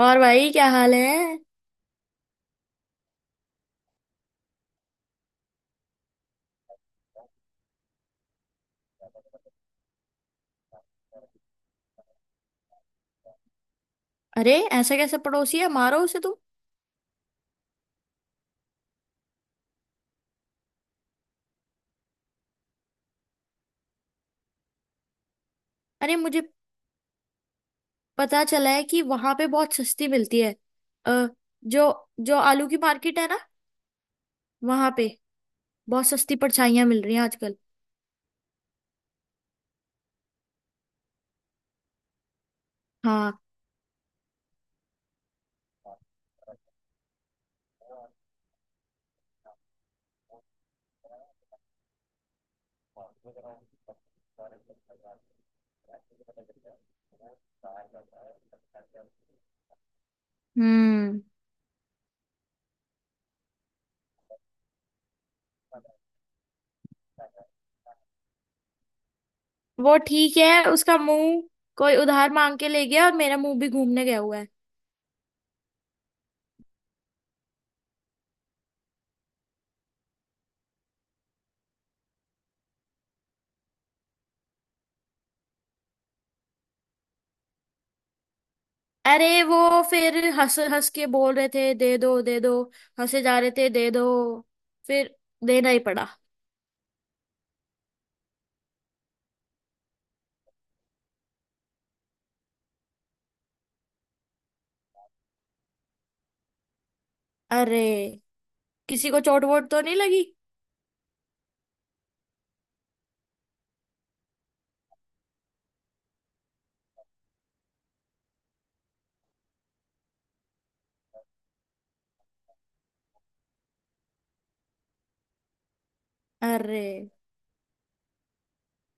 और भाई क्या हाल है। अरे, ऐसा कैसे पड़ोसी है। मारो उसे तुम। अरे, मुझे पता चला है कि वहां पे बहुत सस्ती मिलती है, अ, जो जो आलू की मार्केट है ना, वहां पे बहुत सस्ती परछाइयां मिल रही हैं आजकल। हाँ। हम्म। वो ठीक है। उसका मुंह कोई उधार मांग के ले गया, और मेरा मुंह भी घूमने गया हुआ है। अरे वो फिर हंस हंस के बोल रहे थे, दे दो दे दो। हंसे जा रहे थे, दे दो। फिर देना ही पड़ा। अरे, किसी को चोट वोट तो नहीं लगी? अरे,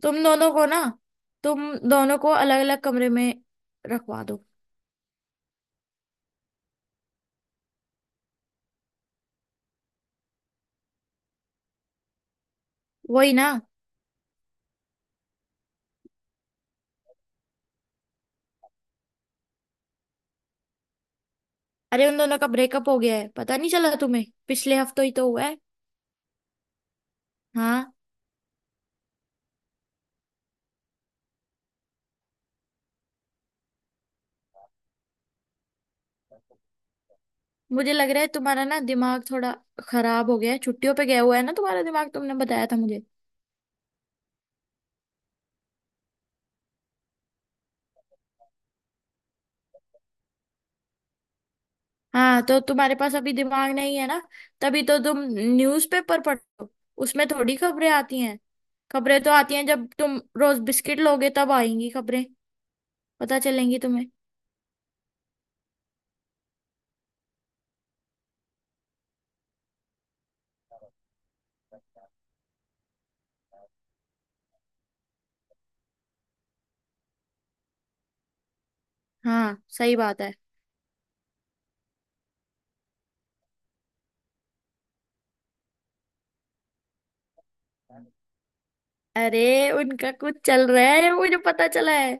तुम दोनों को ना तुम दोनों को अलग अलग कमरे में रखवा दो। वही ना। अरे, उन दोनों का ब्रेकअप हो गया है। पता नहीं चला तुम्हें? पिछले हफ्ते ही तो हुआ है। हाँ। मुझे लग रहा है तुम्हारा ना दिमाग थोड़ा खराब हो गया है। छुट्टियों पे गया हुआ है ना तुम्हारा दिमाग, तुमने बताया था मुझे। हाँ, तो तुम्हारे पास अभी दिमाग नहीं है ना। तभी तो तुम न्यूज़पेपर पढ़ो। उसमें थोड़ी खबरें आती हैं। खबरें तो आती हैं जब तुम रोज बिस्किट लोगे, तब आएंगी खबरें। पता चलेंगी तुम्हें। हाँ, सही बात है। अरे, उनका कुछ चल रहा है। मुझे पता चला है।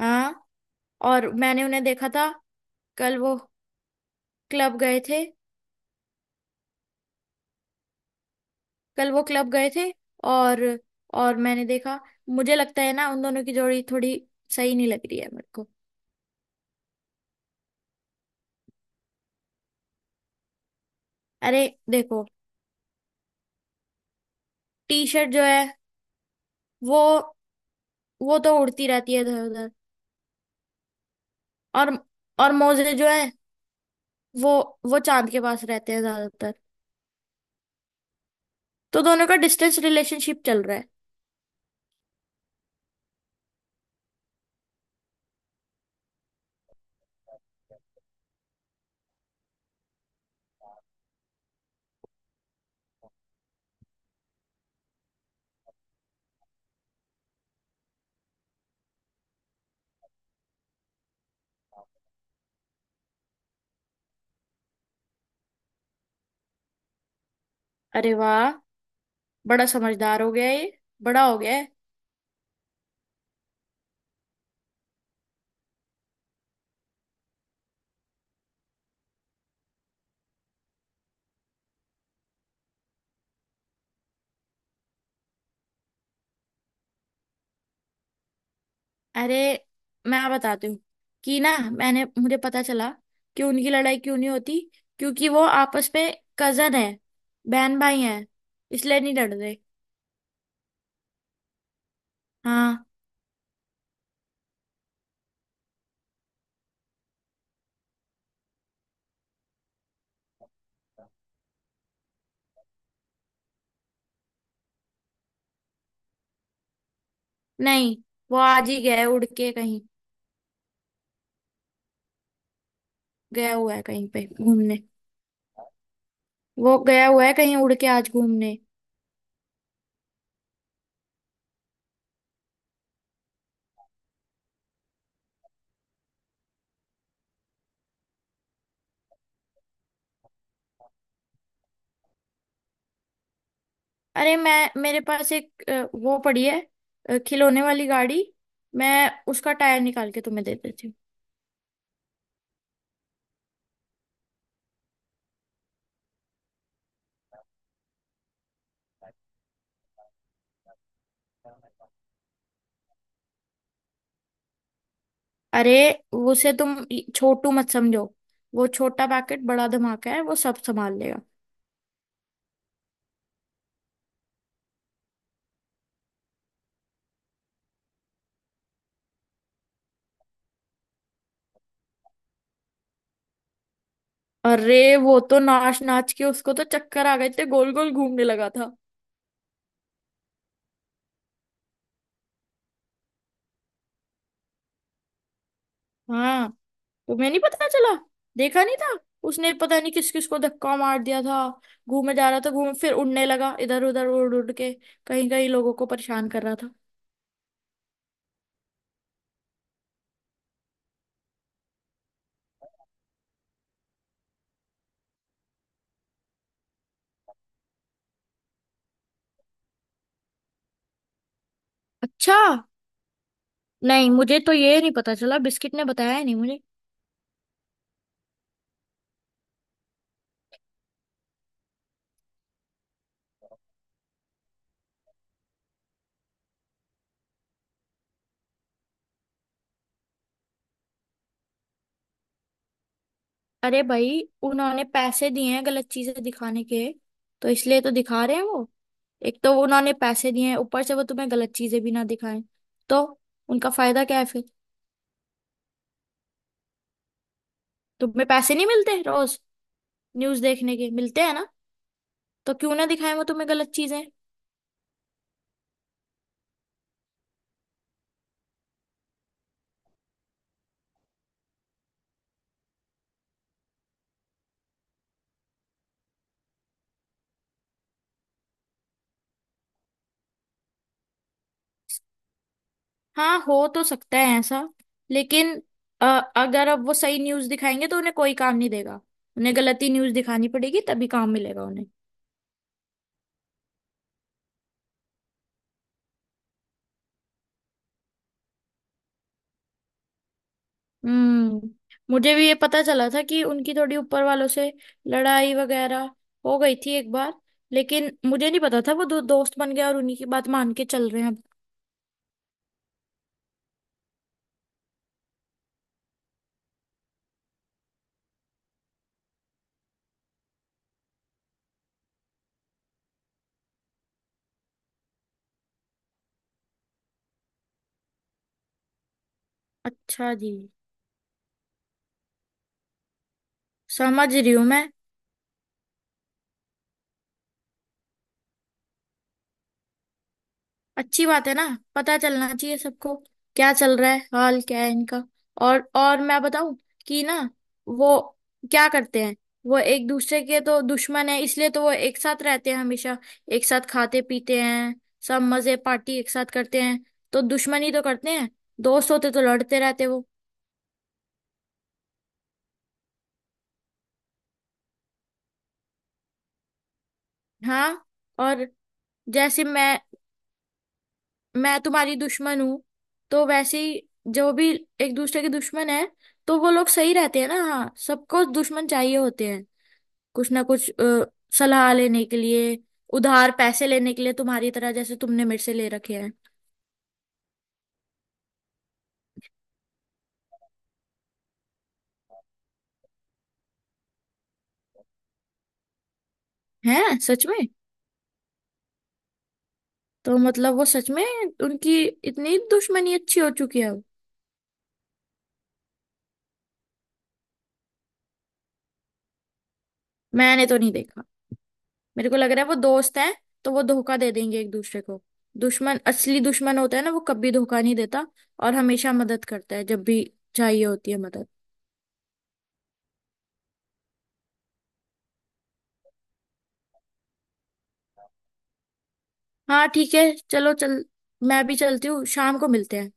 हाँ। और मैंने उन्हें देखा था। कल वो क्लब गए थे कल वो क्लब गए थे, और और मैंने देखा, मुझे लगता है ना उन दोनों की जोड़ी थोड़ी सही नहीं लग रही है मेरे को। अरे, देखो। टी शर्ट जो है वो वो तो उड़ती रहती है इधर उधर। और और मोजे जो है वो वो चांद के पास रहते हैं ज्यादातर। तो दोनों का डिस्टेंस रिलेशनशिप चल रहा है। अरे वाह, बड़ा समझदार हो गया ये। बड़ा हो गया है। अरे, मैं बताती हूँ कि ना, मैंने मुझे पता चला कि उनकी लड़ाई क्यों नहीं होती। क्योंकि वो आपस में कजन है, बहन भाई हैं, इसलिए नहीं लड़ रहे। हाँ, नहीं, वो आज ही गया है उड़ के कहीं। गया हुआ है कहीं पे घूमने। वो गया हुआ है कहीं उड़ के आज घूमने। अरे, मैं मेरे पास एक वो पड़ी है, खिलौने वाली गाड़ी। मैं उसका टायर निकाल के तुम्हें दे देती हूँ। अरे, उसे तुम छोटू मत समझो। वो छोटा पैकेट बड़ा धमाका है, वो सब संभाल लेगा। अरे, वो तो नाच नाच के उसको तो चक्कर आ गए थे। गोल गोल घूमने लगा था। हाँ, तुम्हें नहीं पता चला? देखा नहीं था? उसने पता नहीं किस किस को धक्का मार दिया था। घूमे जा रहा था, घूम, फिर उड़ने लगा इधर उधर, उड़ उड़ के कहीं कहीं लोगों को परेशान कर रहा था। अच्छा, नहीं, मुझे तो ये नहीं पता चला। बिस्किट ने बताया ही नहीं। अरे भाई, उन्होंने पैसे दिए हैं गलत चीजें दिखाने के, तो इसलिए तो दिखा रहे हैं वो। एक तो उन्होंने पैसे दिए हैं, ऊपर से वो तुम्हें गलत चीजें भी ना दिखाएं, तो उनका फायदा क्या है फिर? तुम्हें पैसे नहीं मिलते रोज न्यूज देखने के, मिलते हैं ना? तो क्यों ना दिखाएं वो तुम्हें गलत चीजें। हाँ, हो तो सकता है ऐसा, लेकिन अ, अगर अब वो सही न्यूज दिखाएंगे तो उन्हें कोई काम नहीं देगा। उन्हें गलत ही न्यूज दिखानी पड़ेगी, तभी काम मिलेगा उन्हें। हम्म। मुझे भी ये पता चला था कि उनकी थोड़ी ऊपर वालों से लड़ाई वगैरह हो गई थी एक बार। लेकिन मुझे नहीं पता था वो दो दोस्त बन गए और उन्हीं की बात मान के चल रहे हैं अब। अच्छा जी। समझ रही हूँ मैं। अच्छी बात है ना, पता चलना चाहिए सबको क्या चल रहा है, हाल क्या है इनका। और मैं बताऊं कि ना, वो क्या करते हैं, वो एक दूसरे के तो दुश्मन है, इसलिए तो वो एक साथ रहते हैं हमेशा। एक साथ खाते पीते हैं, सब मजे पार्टी एक साथ करते हैं। तो दुश्मनी तो करते हैं, दोस्त होते तो लड़ते रहते वो। हाँ। और जैसे मैं तुम्हारी दुश्मन हूँ, तो वैसे ही जो भी एक दूसरे के दुश्मन है तो वो लोग सही रहते हैं ना। हाँ, सबको दुश्मन चाहिए होते हैं कुछ ना कुछ, सलाह लेने के लिए, उधार पैसे लेने के लिए, तुम्हारी तरह, जैसे तुमने मेरे से ले रखे हैं। हैं? सच में? तो मतलब वो सच में, उनकी इतनी दुश्मनी अच्छी हो चुकी है अब। मैंने तो नहीं देखा। मेरे को लग रहा है वो दोस्त हैं, तो वो धोखा दे देंगे एक दूसरे को। दुश्मन, असली दुश्मन होता है ना, वो कभी धोखा नहीं देता, और हमेशा मदद करता है जब भी चाहिए होती है मदद। हाँ ठीक है, चलो चल। मैं भी चलती हूँ, शाम को मिलते हैं।